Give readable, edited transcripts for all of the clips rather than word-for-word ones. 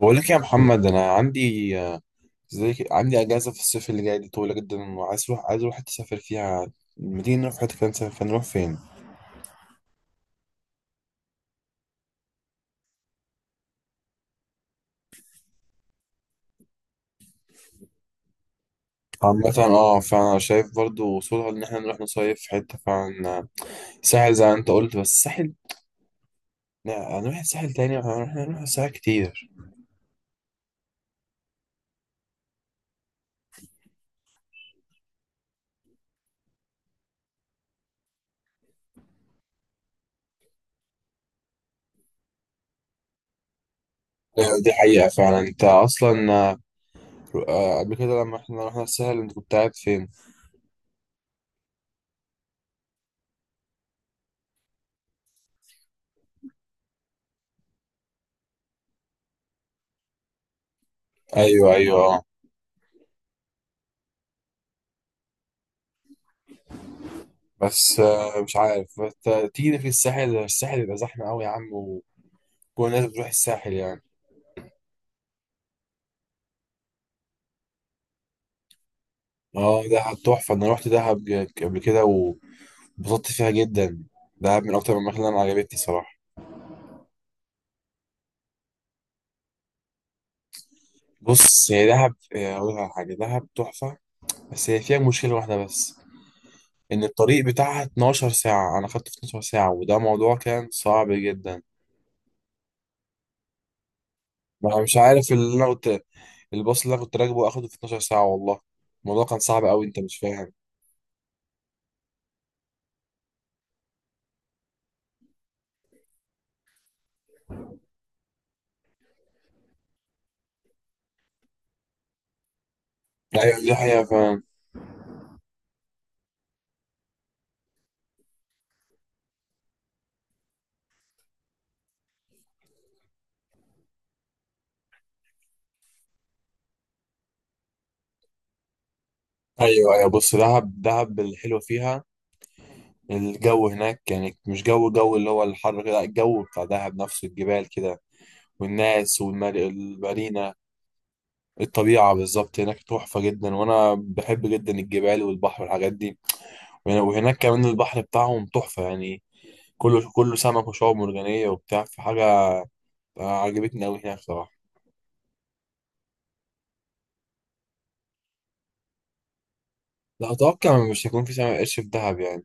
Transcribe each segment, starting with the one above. بقول لك يا محمد، انا عندي اجازه في الصيف اللي جاي دي طويله جدا، وعايز اروح حته اسافر فيها. ما تيجي نروح حته كده نسافر، فنروح فين؟ عامه فانا شايف برضو وصولها ان احنا نروح نصيف في حته فعلا، ساحل زي ما انت قلت. بس الساحل لا، هنروح الساحل تاني، احنا هنروح الساحل كتير. آه، دي حقيقه فعلا. انت اصلا آه، قبل كده لما احنا رحنا الساحل انت كنت قاعد فين؟ ايوه، ايوه، اه. بس مش عارف، بس تيجي في الساحل، الساحل بيبقى زحمه قوي يا عم، كل الناس بتروح الساحل يعني. اه، دهب تحفة. أنا روحت دهب قبل كده وانبسطت فيها جدا. دهب من أكتر الأماكن اللي أنا عجبتني صراحة. بص، هي دهب هي أقول لك على حاجة، دهب تحفة. بس هي فيها مشكلة واحدة بس، إن الطريق بتاعها 12 ساعة. أنا خدت 12 ساعة، وده موضوع كان صعب جدا. أنا مش عارف، اللي أنا كنت الباص اللي أنا كنت راكبه أخده في 12 ساعة والله. الموضوع كان صعب أوي، أنت مش فاهم. أيوة، دي حقيقة، فاهم. أيوة، أيوة، بص، دهب دهب الحلوة فيها الجو هناك يعني مش جو اللي هو الحر كده، لا، الجو بتاع دهب نفسه، الجبال كده، والناس والمارينا. الطبيعة بالظبط هناك تحفة جدا، وأنا بحب جدا الجبال والبحر والحاجات دي. وهناك كمان البحر بتاعهم تحفة يعني، كله كله سمك وشعاب مرجانية وبتاع في حاجة. عجبتني أوي هناك صراحة. لا، أتوقع مش هيكون في سمك قرش في دهب يعني.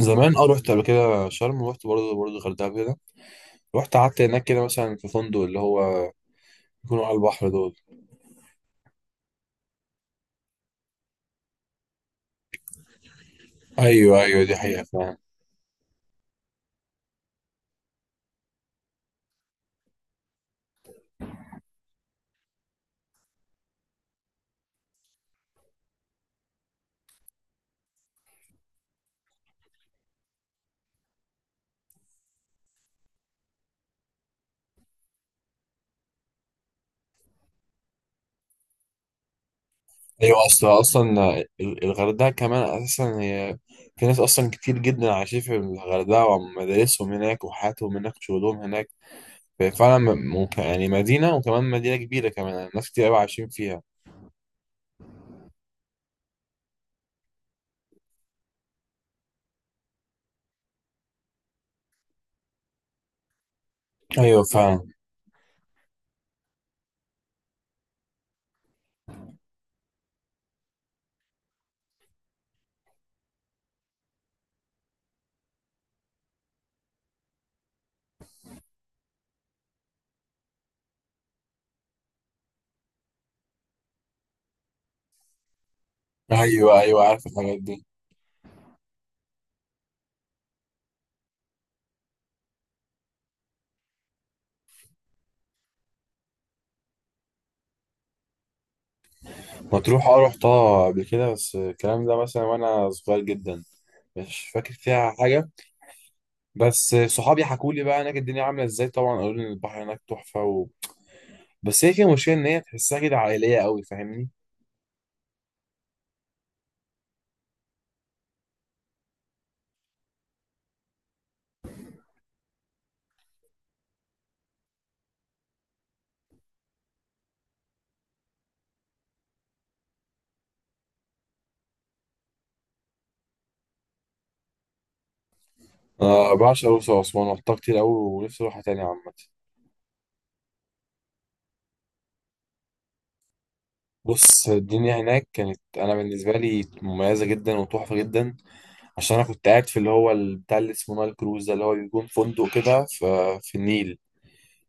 زمان أه، رحت قبل كده شرم، ورحت برضه الغردقة كده. رحت قعدت هناك كده، مثلا في فندق اللي هو يكونوا على البحر دول. ايوه، ايوه، دي حقيقة. ايوه، اصلا الغردقه كمان اساسا هي في ناس اصلا كتير جدا عايشين في الغردقه، ومدارسهم هناك وحياتهم هناك وشغلهم هناك. فعلا ممكن يعني، مدينه وكمان مدينه كبيره كمان يعني، ناس كتير قوي عايشين فيها. ايوه، فاهم. ايوه، ايوه، عارف الحاجات دي. مطروح، اه، رحتها قبل كده، بس الكلام ده مثلا وانا صغير جدا، مش فاكر فيها حاجه. بس صحابي حكوا لي بقى هناك الدنيا عامله ازاي، طبعا قالوا لي إن البحر هناك تحفه و. بس هي كده مشكله ان هي تحسها كده عائليه قوي، فاهمني. أنا بعشق الأقصر وأسوان، رحتها كتير أوي ونفسي أروحها تاني عامة. بص، الدنيا هناك كانت أنا بالنسبة لي مميزة جدا وتحفة جدا. عشان أنا كنت قاعد في اللي هو بتاع اللي اسمه نايل كروز، ده اللي هو بيكون فندق كده في النيل.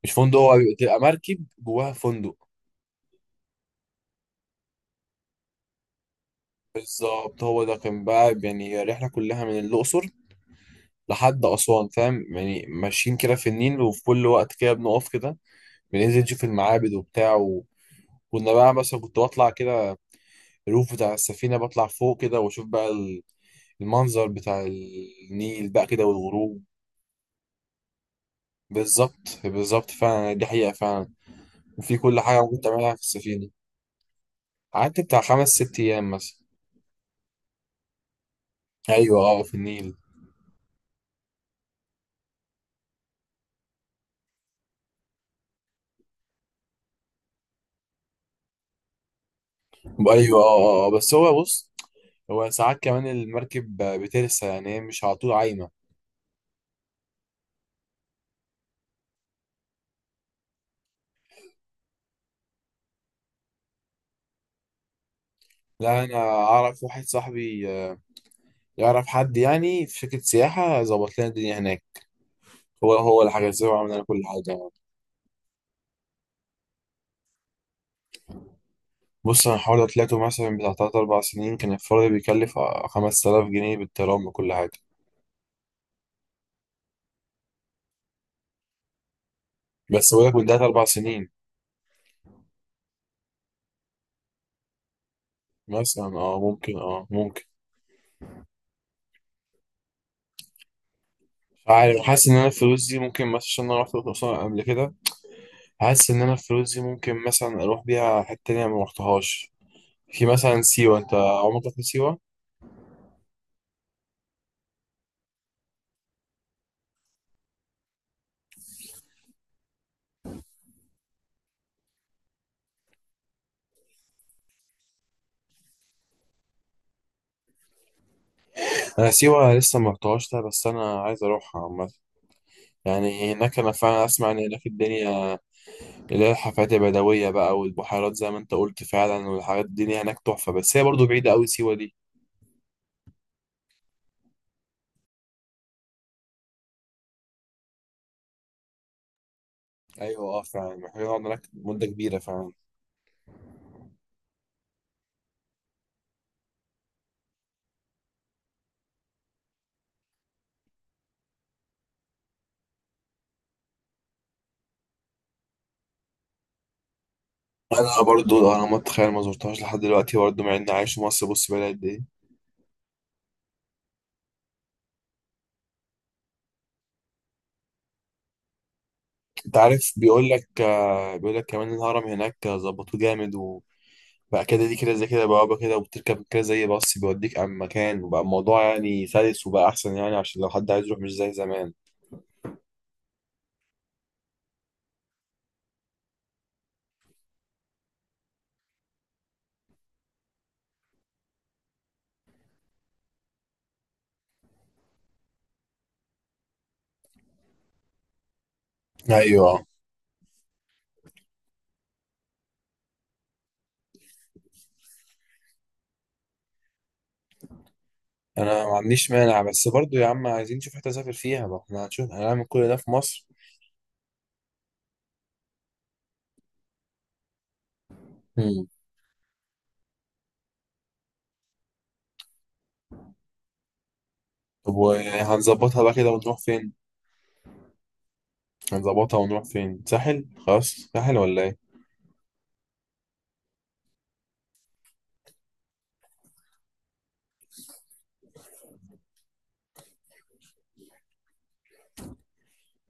مش فندق، هو بتبقى مركب جواها فندق. بالظبط، هو ده كان بقى يعني رحلة كلها من الأقصر لحد أسوان، فاهم يعني، ماشيين كده في النيل وفي كل وقت كده بنقف كده، بننزل نشوف المعابد وبتاع و. كنا بقى مثلا كنت بطلع كده الروف بتاع السفينة، بطلع فوق كده واشوف بقى المنظر بتاع النيل بقى كده والغروب. بالظبط، بالظبط فعلا، دي حقيقة فعلا، وفي كل حاجة ممكن تعملها في السفينة. قعدت بتاع خمس ست أيام مثلا. أيوة، أه، في النيل. أيوة، أه، أه، آه. بس هو بص، هو ساعات كمان المركب بترسى يعني، هي مش على طول عايمة. لا، أنا أعرف واحد صاحبي يعرف حد يعني في شركة سياحة، ظبط لنا الدنيا هناك. هو هو اللي حجز له وعمل لنا كل حاجة. بص، انا حوالي طلعته مثلا بتاع تلات اربع سنين، كان الفرد بيكلف خمس تلاف جنيه، بالترام بكل حاجة. بس بقولك من تلات اربع سنين. مثلا اه، ممكن، اه ممكن. عارف، حاسس ان انا الفلوس دي ممكن مثلا، عشان انا رحت الاقصر قبل كده، حاسس ان انا الفلوس دي ممكن مثلا اروح بيها حتة تانية ما رحتهاش. في مثلا سيوة، انت عمرك رحت سيوة؟ انا سيوة لسه ما رحتهاش ده، بس انا عايز اروحها عامة. يعني هناك، انا فعلا اسمع ان هناك الدنيا اللي هي الحفلات البدوية بقى، والبحيرات زي ما انت قلت فعلا، والحاجات الدنيا هناك تحفة. بس هي برضو بعيدة أوي سيوة دي. أيوة، اه، فعلا محتاجين نقعد هناك مدة كبيرة فعلا. أنا برضو الأهرامات، تخيل ما زرتهاش لحد دلوقتي برضو مع إني عايش في مصر. بص، بقالي قد إيه. أنت عارف، بيقول لك بيقول لك كمان الهرم هناك ظبطوه جامد، وبقى كده دي كده زي كده بوابة كده، وبتركب كده زي باص بيوديك عن مكان، وبقى الموضوع يعني سلس وبقى أحسن يعني، عشان لو حد عايز يروح مش زي زمان. أيوة، انا ما عنديش مانع، بس برضو يا عم، عايزين نشوف حته نسافر فيها بقى، احنا هنشوف هنعمل كل ده في مصر. امم طب، وهنظبطها بقى كده ونروح فين؟ هنظبطها ونروح فين، ساحل خلاص، ساحل ولا ايه؟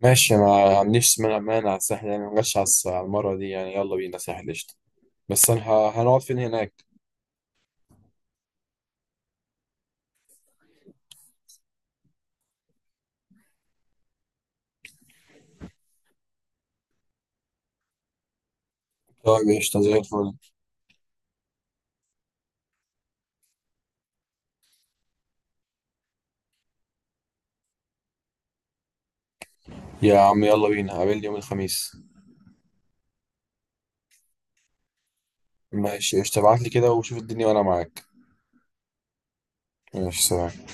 ماشي، ما عنديش مانع على الساحل يعني، ما جاش على المره دي يعني، يلا بينا ساحل قشطه. بس انا هنقعد فين هناك؟ طيب قشطه زي الفل. يا عم، يلا بينا، قابلني يوم الخميس. ماشي قشطه، ابعت لي كده وشوف الدنيا وانا معاك. ماشي، سلام.